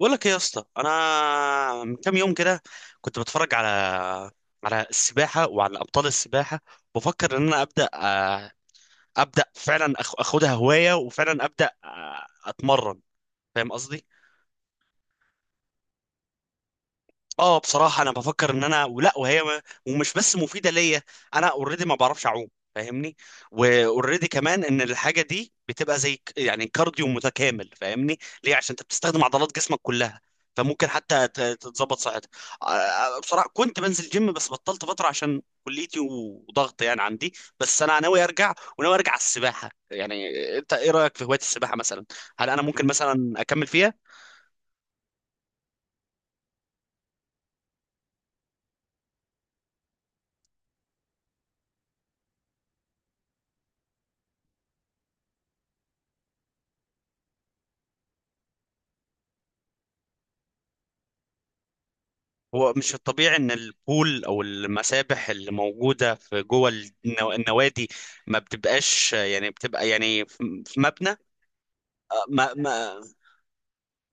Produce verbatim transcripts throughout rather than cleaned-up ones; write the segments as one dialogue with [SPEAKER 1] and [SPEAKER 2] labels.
[SPEAKER 1] بقول لك ايه يا اسطى؟ انا من كام يوم كده كنت بتفرج على على السباحه وعلى ابطال السباحه، بفكر ان انا ابدا آه، ابدا فعلا أخ- اخدها هوايه، وفعلا ابدا، آه، اتمرن. فاهم قصدي؟ اه بصراحة انا بفكر ان انا، ولا وهي ما- ومش بس مفيدة ليا، انا اوريدي ما بعرفش اعوم، فاهمني؟ واوريدي كمان ان الحاجة دي بتبقى زي ك- يعني كارديو متكامل. فاهمني ليه؟ عشان انت بتستخدم عضلات جسمك كلها، فممكن حتى ت- تتظبط صحتك. آه، آه، بصراحة كنت بنزل جيم بس بطلت فترة عشان كليتي وضغط يعني عندي، بس انا ناوي ارجع وناوي ارجع على السباحة يعني. انت ايه رأيك في هواية السباحة مثلا؟ هل انا ممكن مثلا اكمل فيها؟ هو مش الطبيعي ان البول او المسابح اللي موجوده في جوه النو- النوادي ما بتبقاش، يعني بتبقى يعني في في مبنى؟ ما ما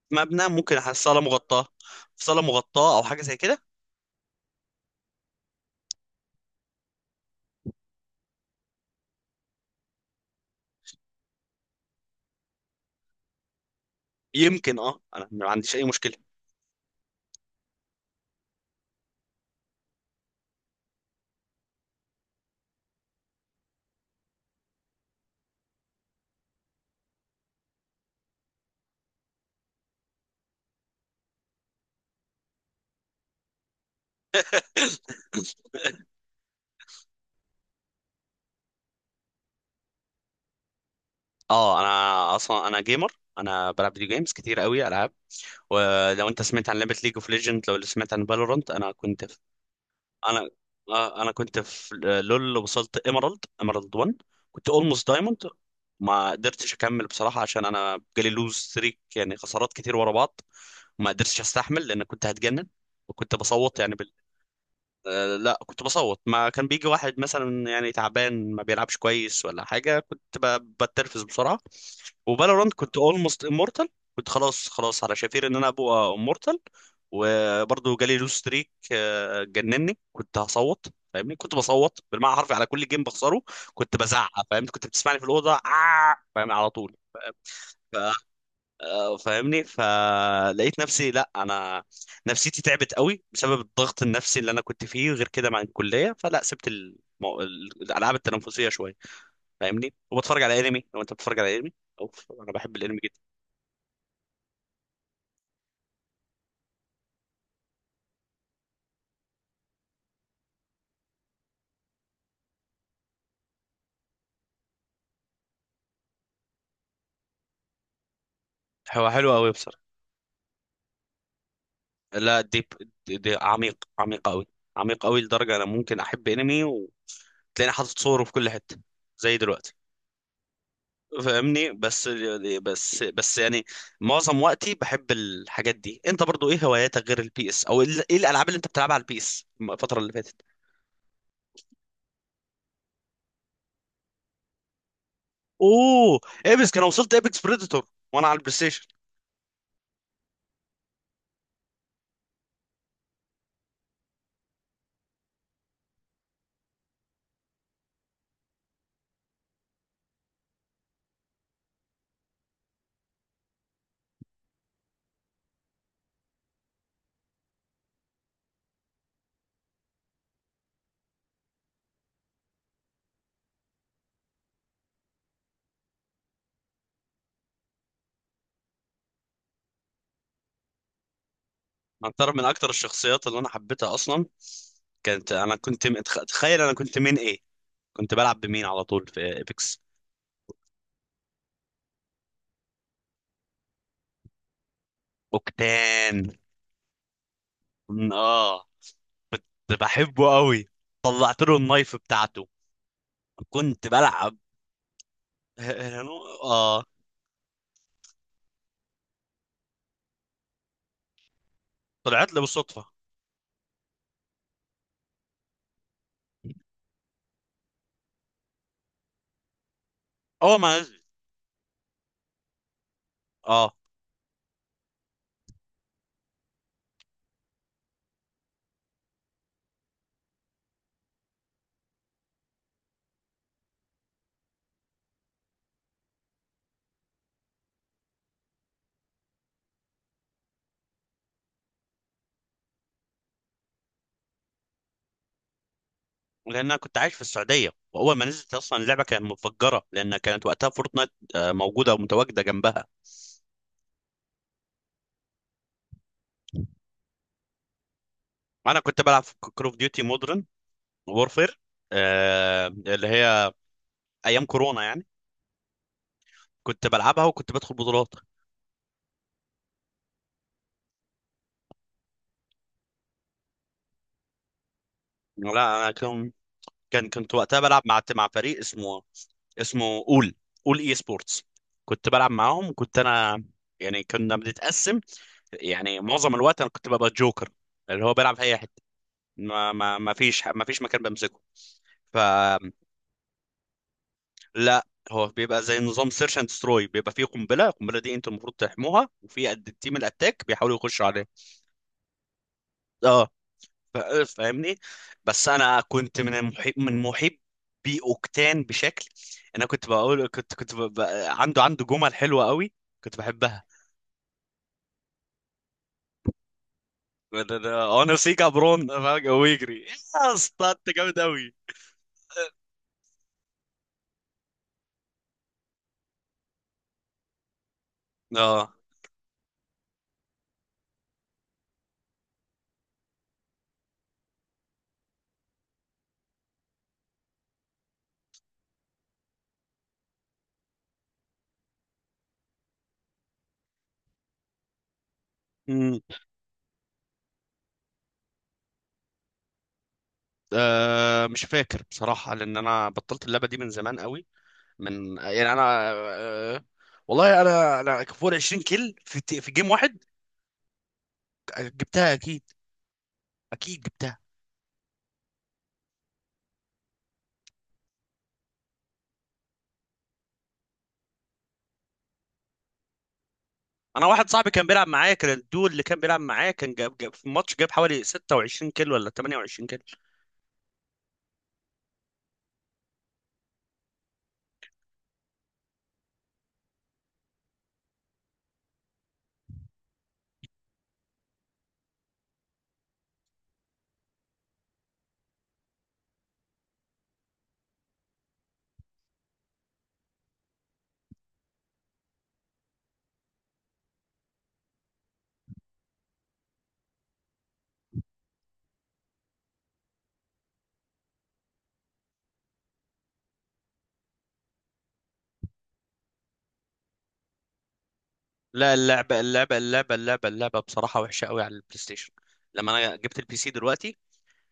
[SPEAKER 1] في مبنى ممكن على الصاله مغطاه، في صاله مغطاه او حاجه زي كده. يمكن اه انا ما عنديش اي مشكله. اه انا اصلا انا جيمر، انا بلعب فيديو جيمز كتير قوي، العاب. ولو انت سمعت عن لعبه ليج اوف ليجند، لو سمعت عن فالورانت، انا كنت، انا آه، انا كنت في لول، وصلت ايمرالد، ايمرالد واحد، كنت اولموست دايموند. ما قدرتش اكمل بصراحه عشان انا جالي لوز ستريك، يعني خسارات كتير ورا بعض، ما قدرتش استحمل لان كنت هتجنن، وكنت بصوت يعني. آه، لا كنت بصوت، ما كان بيجي واحد مثلا يعني تعبان ما بيلعبش كويس ولا حاجة كنت ب- بتنرفز بسرعة. وفالورانت كنت اولموست امورتال، كنت خلاص خلاص على شفير ان انا ابقى امورتال، وبرضه جالي لوس ستريك، آه، جنني، كنت هصوت، فاهمني؟ كنت بصوت بالمعنى الحرفي على كل جيم بخسره، كنت بزعق، فاهمني؟ كنت بتسمعني في الأوضة، آه، فاهم على طول؟ آه، فاهمني؟ فلقيت نفسي، لا انا نفسيتي تعبت قوي بسبب الضغط النفسي اللي انا كنت فيه غير كده مع الكليه، فلا سبت المو... الالعاب التنافسيه شويه. فاهمني؟ وبتفرج على انمي، لو انت بتتفرج على انمي، اوف انا بحب الانمي جدا. هو حلو قوي بصراحه، لا ديب، دي, دي عميق عميق قوي، عميق قوي لدرجه انا ممكن احب انمي وتلاقيني حاطط صوره في كل حته زي دلوقتي، فاهمني؟ بس بس بس يعني معظم وقتي بحب الحاجات دي. انت برضو ايه هواياتك غير البي اس، او ال- ايه الالعاب اللي انت بتلعبها على البي اس الفتره اللي فاتت؟ اوه، ايبكس كان، وصلت ايبكس بريدتور وانا على البلاي ستيشن. اعترف من اكتر الشخصيات اللي انا حبيتها اصلا كانت، انا كنت م- تخ- تخيل انا كنت مين؟ ايه كنت بلعب بمين على طول في ايبكس؟ اوكتان. م- اه كنت بحبه قوي، طلعت له النايف بتاعته، كنت بلعب. اه، طلعت لي بالصدفه. اول ما نزلت، اه. لان انا كنت عايش في السعوديه، واول ما نزلت اصلا اللعبه كانت متفجره، لان كانت وقتها فورتنايت آه، موجوده ومتواجده جنبها. انا كنت بلعب في كول اوف ديوتي مودرن وورفير، اللي هي ايام كورونا يعني، كنت بلعبها وكنت بدخل بطولات. لا انا كان، كان كنت وقتها بلعب مع مع فريق اسمه، اسمه اول، اول اي سبورتس. كنت بلعب معاهم وكنت انا، يعني كنا بنتقسم، يعني معظم الوقت انا كنت ببقى جوكر، اللي هو بيلعب في اي حته، ما ما ما فيش ما فيش مكان بمسكه، فلا. هو بيبقى زي نظام سيرش اند ستروي، بيبقى فيه قنبله، القنبله دي انت المفروض تحموها، وفي قد التيم الاتاك بيحاولوا يخشوا عليها. اه، فا- فاهمني؟ بس انا كنت من المحب، من محبي اوكتان بشكل. انا كنت بقول كنت كنت ب... ب... عنده، عنده جمل حلوه قوي كنت بحبها. انا سيكا برون فجأة ويجري يا اسطى، انت جامد قوي. اه، مم. آه مش فاكر بصراحة، لأن أنا بطلت اللعبة دي من زمان قوي، من يعني انا، آه، والله انا انا فوق عشرين كيل في ت- في جيم واحد جبتها اكيد، اكيد جبتها. انا واحد صاحبي كان بيلعب معايا كان الدول اللي كان بيلعب معايا كان جاب، جاب في الماتش جاب حوالي ستة وعشرين كيل ولا تمانية وعشرين كيل. لا اللعبة، اللعبة اللعبة اللعبة اللعبة بصراحة وحشة قوي على البلاي ستيشن. لما انا جبت البي سي دلوقتي،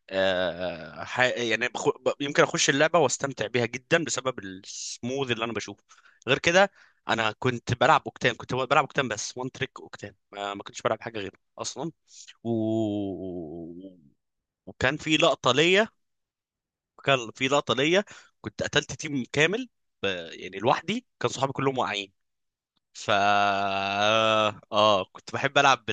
[SPEAKER 1] آه، ح- يعني بخ... ب- يمكن اخش اللعبه واستمتع بيها جدا بسبب السموذ اللي انا بشوفه، غير كده. انا كنت بلعب اوكتان، كنت بلعب اوكتان بس وان تريك اوكتان، ما ما كنتش بلعب حاجه غيره اصلا. و... وكان في لقطه ليا، كان في لقطه ليا كنت قتلت تيم كامل ب... يعني لوحدي، كان صحابي كلهم واقعين. ف اه كنت بحب العب.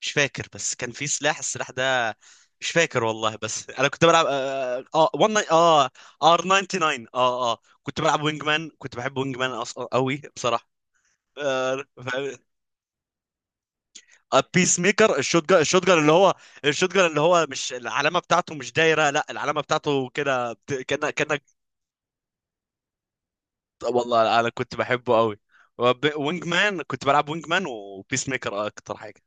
[SPEAKER 1] مش فاكر، بس كان في سلاح، السلاح ده مش فاكر والله، بس انا كنت بلعب اه اه ون اه ار تسعة وتسعين اه اه، كنت بلعب وينج مان، كنت بحب وينج مان اصلا قوي بصراحه. آه بيس ميكر، الشوت جان، الشوت جان اللي هو الشوت جان اللي هو مش العلامه بتاعته مش دايره، لا العلامه بتاعته كده بت- كانك، كانك والله انا كنت بحبه قوي. وب- وينج مان، كنت بلعب وينج مان وبيس ميكر اكتر حاجه.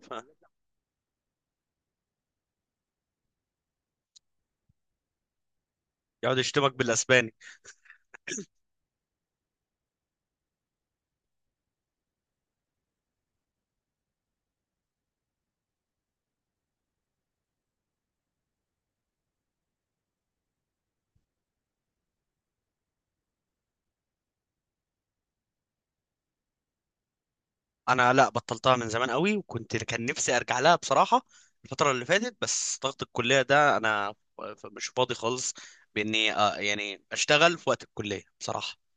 [SPEAKER 1] ف- يقعد يشتمك بالاسباني. انا لا، بطلتها من زمان قوي، وكنت كان نفسي ارجع لها بصراحه الفتره اللي فاتت، بس ضغط الكليه ده انا ف- مش فاضي خالص، باني آه، يعني اشتغل في وقت الكليه بصراحه.